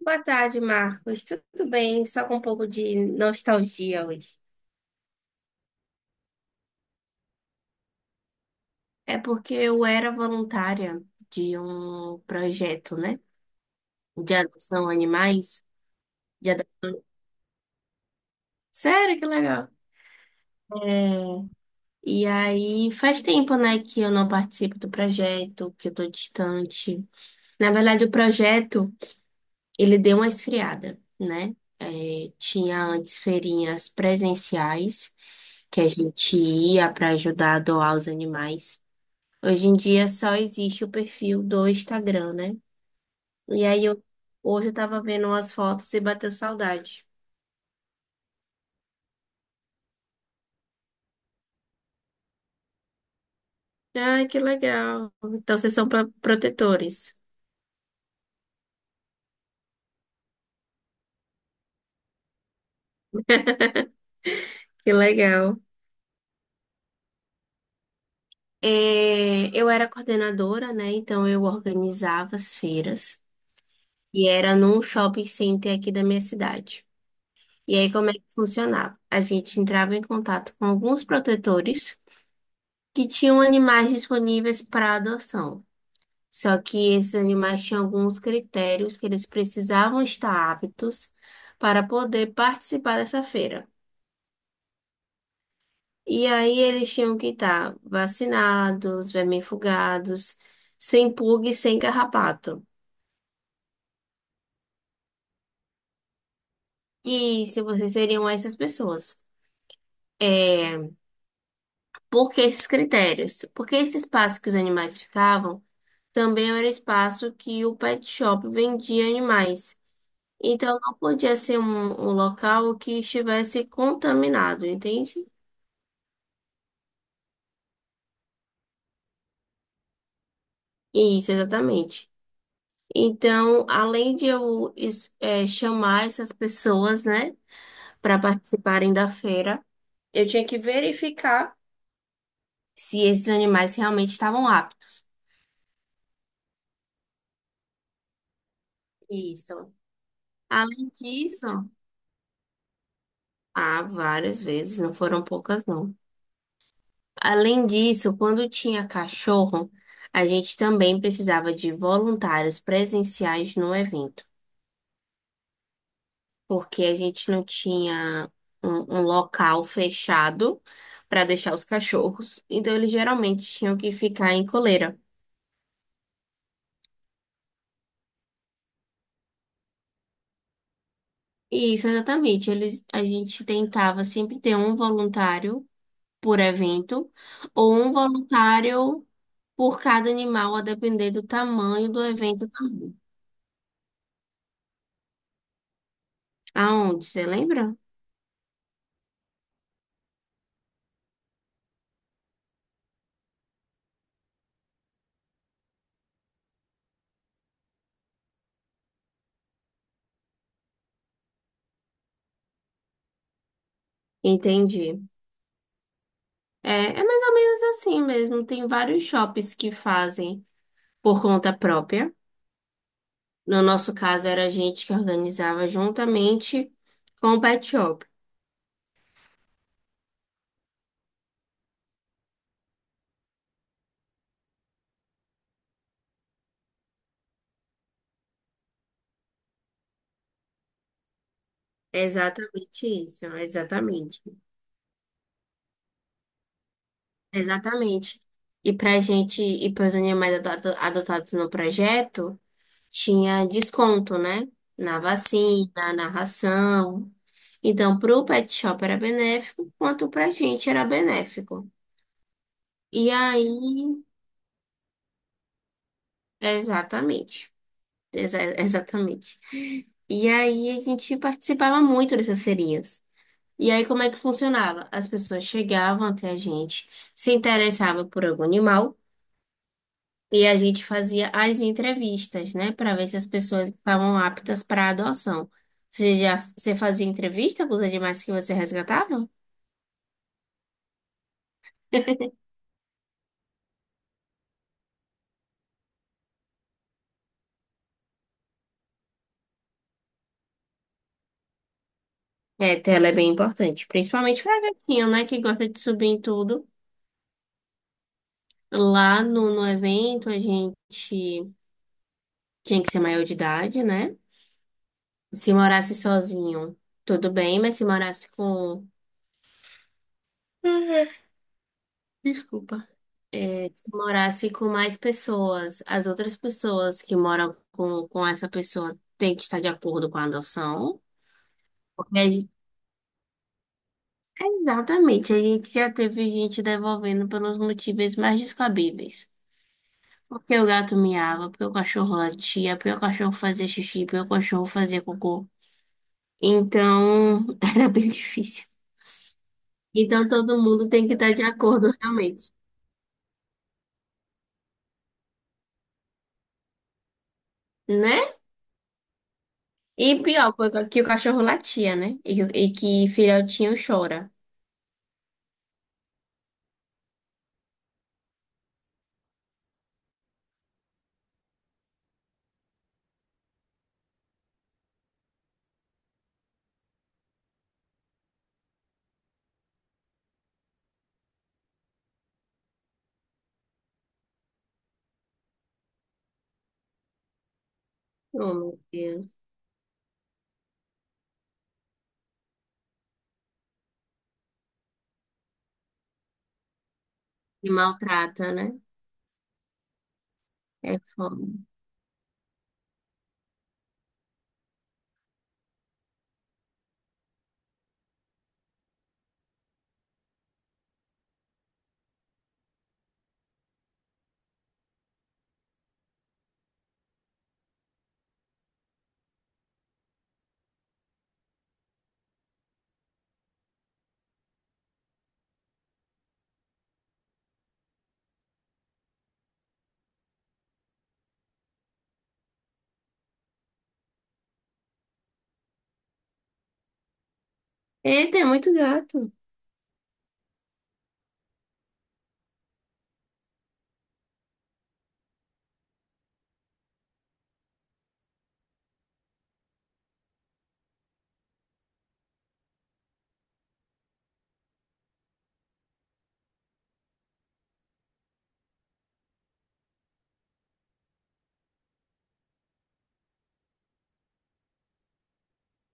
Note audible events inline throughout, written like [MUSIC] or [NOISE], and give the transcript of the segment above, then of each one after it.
Boa tarde, Marcos. Tudo bem? Só com um pouco de nostalgia hoje. É porque eu era voluntária de um projeto, né? De adoção a animais. De adoção... Sério, que legal. É, e aí faz tempo, né, que eu não participo do projeto, que eu tô distante. Na verdade, o projeto, ele deu uma esfriada, né? É, tinha antes feirinhas presenciais, que a gente ia para ajudar a doar os animais. Hoje em dia só existe o perfil do Instagram, né? E aí eu hoje eu tava vendo umas fotos e bateu saudade. Ai, que legal. Então vocês são protetores. Que legal. É, eu era coordenadora, né? Então eu organizava as feiras e era num shopping center aqui da minha cidade. E aí como é que funcionava? A gente entrava em contato com alguns protetores que tinham animais disponíveis para adoção. Só que esses animais tinham alguns critérios que eles precisavam estar aptos para poder participar dessa feira. E aí eles tinham que estar vacinados, vermifugados, sem pulga e sem carrapato. E se vocês seriam essas pessoas? É, por que esses critérios? Porque esse espaço que os animais ficavam também era espaço que o pet shop vendia animais. Então não podia ser um local que estivesse contaminado, entende? Isso, exatamente. Então, além de chamar essas pessoas, né, para participarem da feira, eu tinha que verificar se esses animais realmente estavam aptos. Isso. Além disso, há várias vezes, não foram poucas, não. Além disso, quando tinha cachorro, a gente também precisava de voluntários presenciais no evento. Porque a gente não tinha um local fechado para deixar os cachorros, então eles geralmente tinham que ficar em coleira. E isso exatamente, eles, a gente tentava sempre ter um voluntário por evento ou um voluntário por cada animal, a depender do tamanho do evento também. Aonde, você lembra? Entendi. É, é mais ou menos assim mesmo. Tem vários shoppings que fazem por conta própria. No nosso caso, era a gente que organizava juntamente com o Pet Shop. É, exatamente isso, é exatamente. Exatamente. E para gente, e para os animais adotados no projeto, tinha desconto, né? Na vacina, na ração. Então, para o Pet Shop era benéfico, quanto para a gente era benéfico. E aí, exatamente. Exatamente. E aí, a gente participava muito dessas feirinhas. E aí, como é que funcionava? As pessoas chegavam até a gente, se interessavam por algum animal, e a gente fazia as entrevistas, né, para ver se as pessoas estavam aptas para adoção. Você fazia entrevista com os animais que você resgatava? É, tela é bem importante, principalmente para gatinho, né, que gosta de subir em tudo. Lá no evento, a gente tinha que ser maior de idade, né? Se morasse sozinho, tudo bem, mas se morasse com. [LAUGHS] Desculpa. Se morasse com mais pessoas, as outras pessoas que moram com essa pessoa têm que estar de acordo com a adoção. Porque a gente- exatamente, a gente já teve gente devolvendo pelos motivos mais descabíveis. Porque o gato miava, porque o cachorro latia, porque o cachorro fazia xixi, porque o cachorro fazia cocô. Então, [LAUGHS] era bem difícil. Então, todo mundo tem que estar de acordo, realmente. Né? E pior, porque que o cachorro latia, né? E que filhotinho chora. Oh, meu Deus. E maltrata, né? É foda. Eita, é muito gato.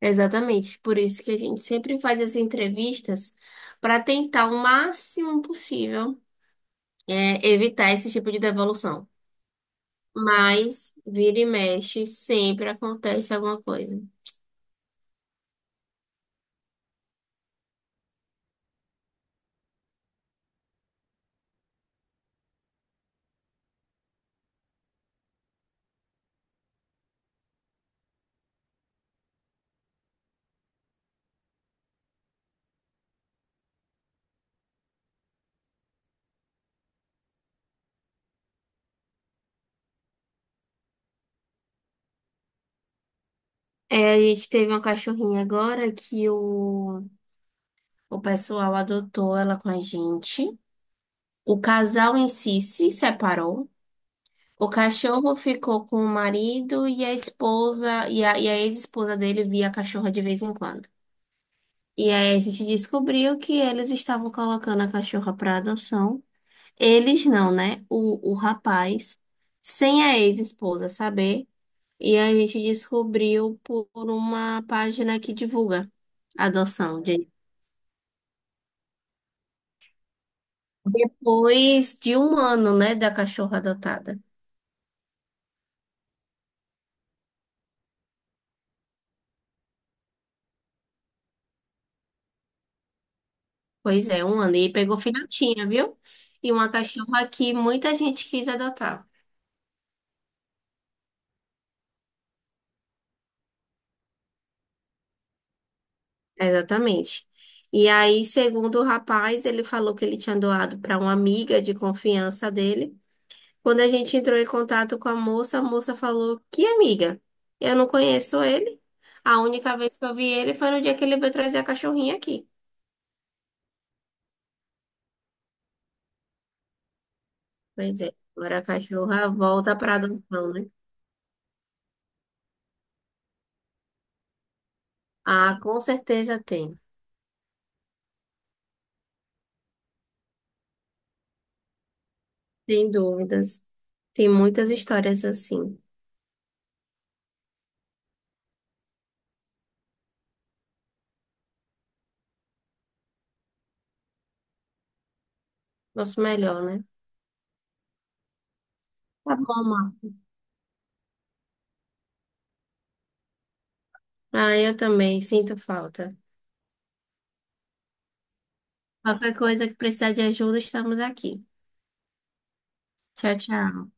Exatamente. Por isso que a gente sempre faz as entrevistas para tentar o máximo possível evitar esse tipo de devolução. Mas, vira e mexe, sempre acontece alguma coisa. É, a gente teve uma cachorrinha agora que o pessoal adotou ela com a gente. O casal em si se separou. O cachorro ficou com o marido e a esposa, e a ex-esposa dele via a cachorra de vez em quando. E aí a gente descobriu que eles estavam colocando a cachorra para adoção. Eles não, né? O rapaz, sem a ex-esposa saber. E a gente descobriu por uma página que divulga a adoção. De, depois de 1 ano, né, da cachorra adotada. Pois é, 1 ano. E pegou filhotinha, viu? E uma cachorra que muita gente quis adotar. Exatamente. E aí, segundo o rapaz, ele falou que ele tinha doado para uma amiga de confiança dele. Quando a gente entrou em contato com a moça falou: que amiga? Eu não conheço ele. A única vez que eu vi ele foi no dia que ele veio trazer a cachorrinha aqui. Pois é, agora a cachorra volta para adoção, né? Ah, com certeza tem. Sem dúvidas. Tem muitas histórias assim. Nosso melhor, né? Tá bom, Mar. Ah, eu também sinto falta. Qualquer coisa que precisar de ajuda, estamos aqui. Tchau, tchau.